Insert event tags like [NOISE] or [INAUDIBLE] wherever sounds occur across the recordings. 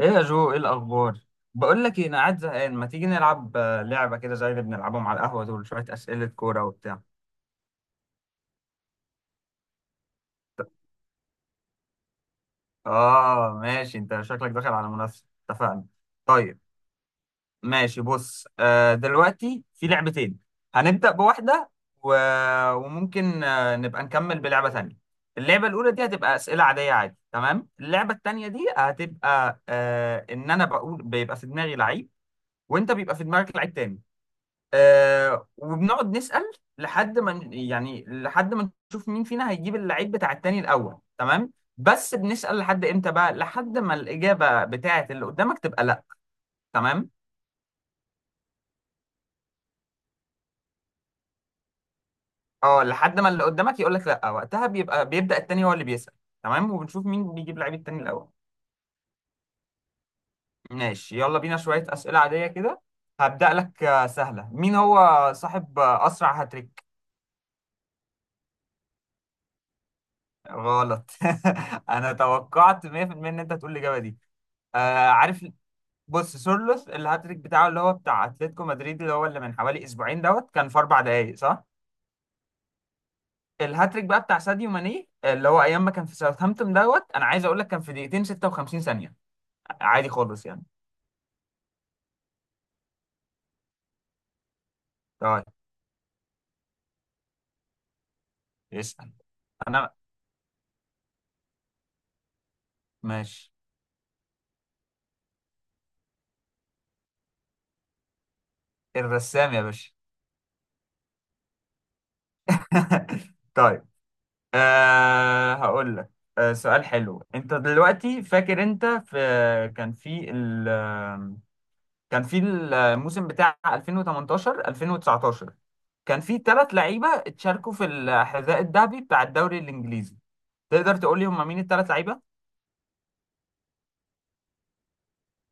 ايه يا جو، ايه الاخبار؟ بقول لك ايه، انا قاعد زهقان. ما تيجي نلعب لعبه كده زي اللي بنلعبهم على القهوه، دول شويه اسئله كوره وبتاع. اه ماشي، انت شكلك داخل على منافسه. اتفقنا. طيب، ماشي. بص، دلوقتي في لعبتين. هنبدا بواحده و... وممكن نبقى نكمل بلعبه تانية. اللعبه الاولى دي هتبقى اسئله عاديه، عادي تمام. اللعبه التانية دي هتبقى ان انا بقول بيبقى في دماغي لعيب، وانت بيبقى في دماغك لعيب تاني. وبنقعد نسأل لحد ما يعني لحد ما نشوف مين فينا هيجيب اللعيب بتاع التاني الأول. تمام. بس بنسأل لحد امتى بقى؟ لحد ما الإجابة بتاعة اللي قدامك تبقى لا. تمام. اه، لحد ما اللي قدامك يقول لك لا، وقتها بيبقى بيبدأ التاني هو اللي بيسأل. تمام، وبنشوف مين بيجيب لعيب التاني الأول. ماشي، يلا بينا. شوية أسئلة عادية كده. هبدأ لك، سهلة. مين هو صاحب أسرع هاتريك؟ غلط. [LAUGHS] أنا توقعت 100% إن أنت هتقول الإجابة دي. آه عارف. بص، سورلوث الهاتريك بتاعه، اللي هو بتاع اتلتيكو مدريد، اللي هو اللي من حوالي اسبوعين دوت، كان في 4 دقائق صح؟ الهاتريك بقى بتاع ساديو ماني، اللي هو ايام ما كان في ساوثهامبتون دوت، انا عايز اقول لك كان في دقيقتين 56 ثانية. عادي خالص يعني. طيب اسأل انا. ماشي. الرسام يا باشا. [LAUGHS] طيب. هقول لك. سؤال حلو. انت دلوقتي فاكر؟ انت في كان في كان في الموسم بتاع 2018 2019 كان في ثلاث لعيبه اتشاركوا في الحذاء الذهبي بتاع الدوري الانجليزي. تقدر تقول لي هم مين الثلاث لعيبه؟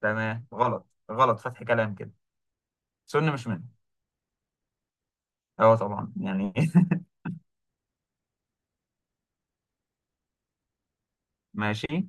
تمام. غلط غلط، فتح كلام كده. سن مش منه. اه طبعا يعني. [LAUGHS] ماشي.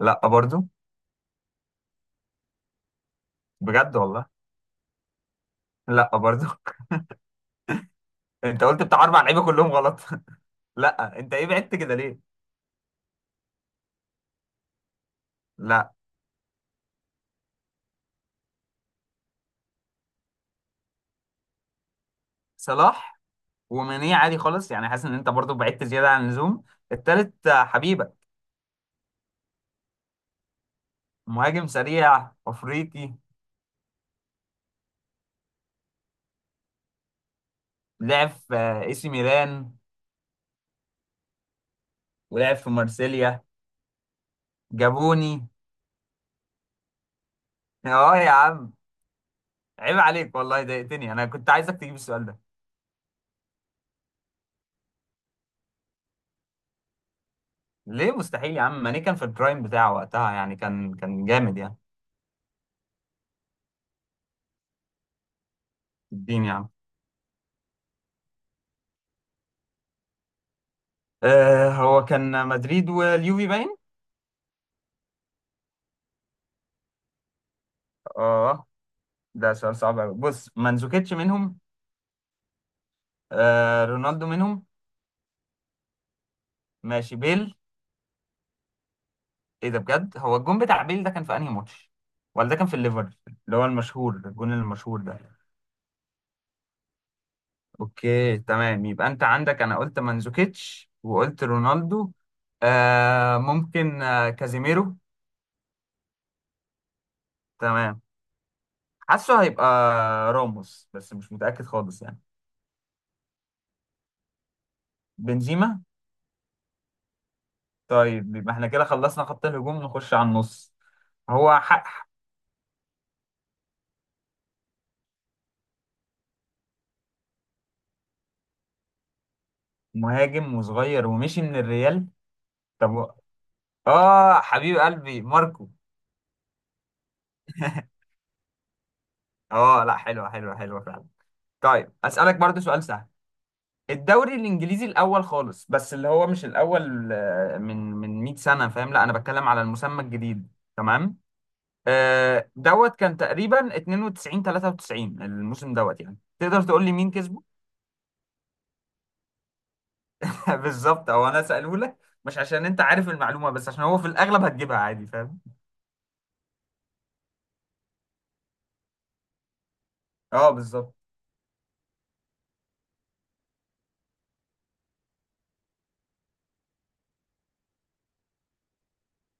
لا برضو. بجد والله، لا برضو. [LAUGHS] انت قلت بتاع اربع لعيبه كلهم غلط. [LAUGHS] لا انت ايه، بعدت كده ليه؟ لا، صلاح وماني عادي خالص يعني، حاسس ان انت برضو بعدت زياده عن اللزوم. التالت حبيبه. مهاجم سريع افريقي، لعب في اي سي ميلان ولعب في مارسيليا. جابوني. اه يا عم، عيب عليك والله، ضايقتني، انا كنت عايزك تجيب السؤال ده. ليه مستحيل يا عم؟ ماني كان في البرايم بتاعه وقتها يعني، كان جامد يعني. الدين يا عم. هو كان مدريد واليوفي باين. اه ده سؤال صعب قوي. بص، مانزوكيتش منهم. رونالدو منهم. ماشي، بيل. ايه ده بجد؟ هو الجون بتاع بيل ده كان في انهي ماتش؟ ولا ده كان في الليفر، اللي هو المشهور، الجون المشهور ده؟ اوكي تمام. يبقى انت عندك انا قلت مانزوكيتش وقلت رونالدو. ممكن كازيميرو. تمام. حاسه هيبقى راموس، بس مش متأكد خالص يعني. بنزيما. طيب يبقى احنا كده خلصنا خط الهجوم، نخش على النص. هو حق. مهاجم وصغير ومشي من الريال. طب و- اه، حبيب قلبي ماركو. [LAUGHS] اه لا، حلوة حلوة حلوة فعلا. طيب اسألك برضو سؤال سهل. الدوري الانجليزي الاول خالص، بس اللي هو مش الاول، من 100 سنه، فاهم؟ لا انا بتكلم على المسمى الجديد. تمام. دوت كان تقريبا 92 93 الموسم دوت، يعني تقدر تقول لي مين كسبه؟ [LAUGHS] بالظبط. او انا سأله لك مش عشان انت عارف المعلومه، بس عشان هو في الاغلب هتجيبها عادي، فاهم؟ اه بالظبط.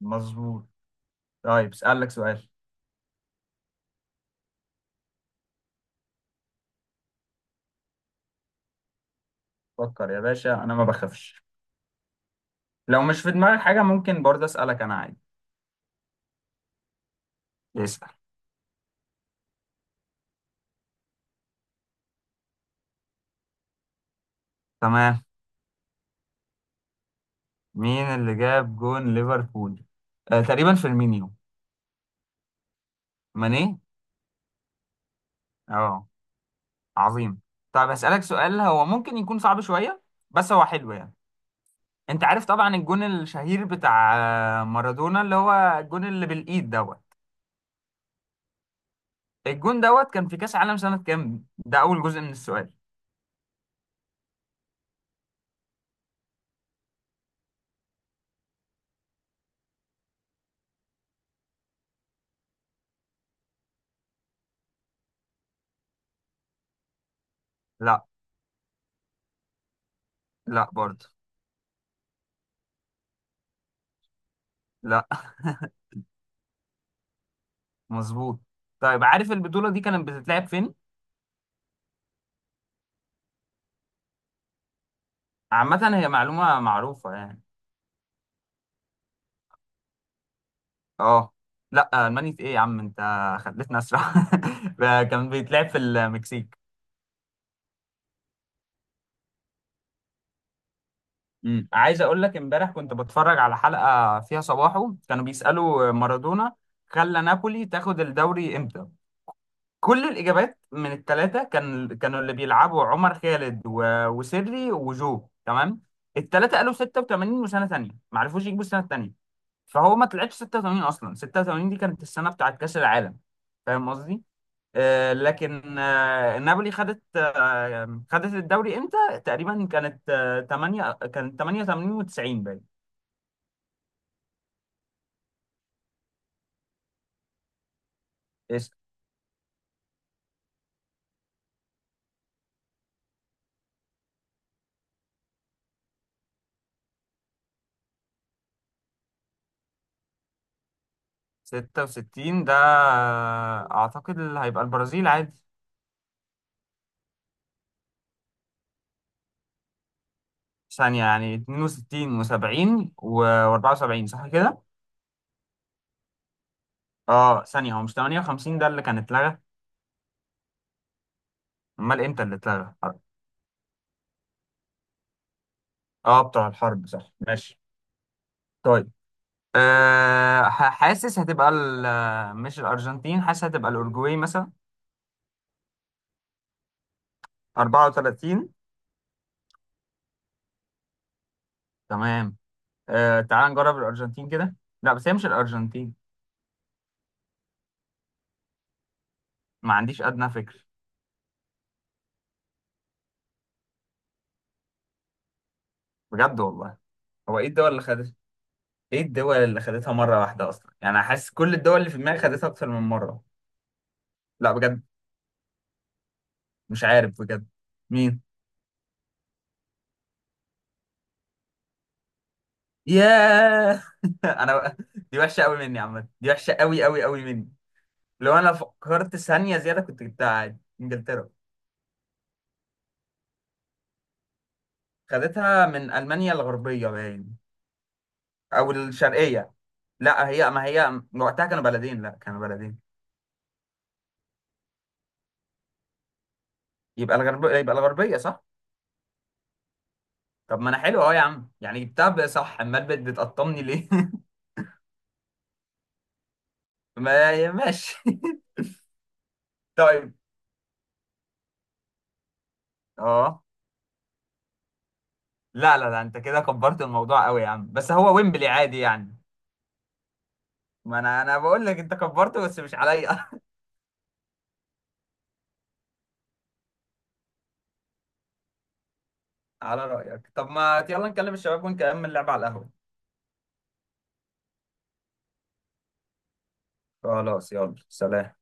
مظبوط. طيب اسالك سؤال. فكر يا باشا، انا ما بخافش. لو مش في دماغك حاجه ممكن برضه اسالك انا عادي. اسال. تمام. مين اللي جاب جون ليفربول؟ تقريبا فيرمينيو. ماني. اه عظيم. طب هسألك سؤال، هو ممكن يكون صعب شوية بس هو حلو يعني. انت عارف طبعا الجون الشهير بتاع مارادونا، اللي هو الجون اللي بالإيد دوت. الجون دوت كان في كأس عالم سنة كام؟ ده أول جزء من السؤال. لا. لا برضه. لا. [LAUGHS] مظبوط. طيب عارف البطولة دي كانت بتتلعب فين؟ عامة هي معلومة معروفة يعني. اه لا، الماني في ايه يا عم انت؟ خليتنا اسرع. [LAUGHS] كان بيتلعب في المكسيك. عايز اقول لك امبارح كنت بتفرج على حلقه فيها صباحه، كانوا بيسالوا مارادونا خلى نابولي تاخد الدوري امتى. كل الاجابات من الثلاثه كانوا اللي بيلعبوا عمر خالد وسيري وجو، تمام. الثلاثه قالوا 86 وسنه ثانيه ما عرفوش يجيبوا السنه الثانيه. فهو ما طلعتش 86، اصلا 86 دي كانت السنه بتاعت كاس العالم، فاهم قصدي؟ لكن نابولي خدت الدوري امتى؟ تقريبا كانت، 8 كانت 88 و90 باين. إيش؟ 66 ده اعتقد اللي هيبقى البرازيل عادي. ثانية يعني 62 و70 و74، صح كده؟ اه ثانية، هو مش 58 ده اللي كان اتلغى؟ امال امتى اللي اتلغى؟ اه بتوع الحرب صح، ماشي. طيب. حاسس هتبقى مش الأرجنتين، حاسس هتبقى الأورجواي مثلا. 34. تمام. تعال نجرب الارجنتين كده. لا بس هي مش الارجنتين. ما عنديش ادنى فكر. بجد والله. هو ايه الدول اللي خدت ايه الدول اللي خدتها مره واحده اصلا، يعني أنا حاسس كل الدول اللي في دماغي خدتها اكتر من مره. لا بجد، مش عارف بجد. مين؟ ياه. [LAUGHS] انا بقى، دي وحشه قوي مني يا عم، دي وحشه قوي قوي قوي مني. لو انا فكرت ثانيه زياده كنت جبتها عادي، انجلترا. خدتها من المانيا الغربيه باين، او الشرقيه. لا هي، ما هي وقتها كانوا بلدين، لا كانوا بلدين. يبقى الغربية صح؟ طب ما انا حلو اهو يا عم يعني، جبتها بقى صح، امال بتقطمني ليه؟ [LAUGHS] ما ماشي. [LAUGHS] طيب. اه لا لا لا، انت كده كبرت الموضوع قوي يا عم، بس هو ويمبلي عادي يعني. ما انا بقول لك انت كبرته، بس مش عليا. [LAUGHS] على رأيك. طب ما يلا نكلم الشباب ونكمل اللعب على القهوة. خلاص يلا، سلام.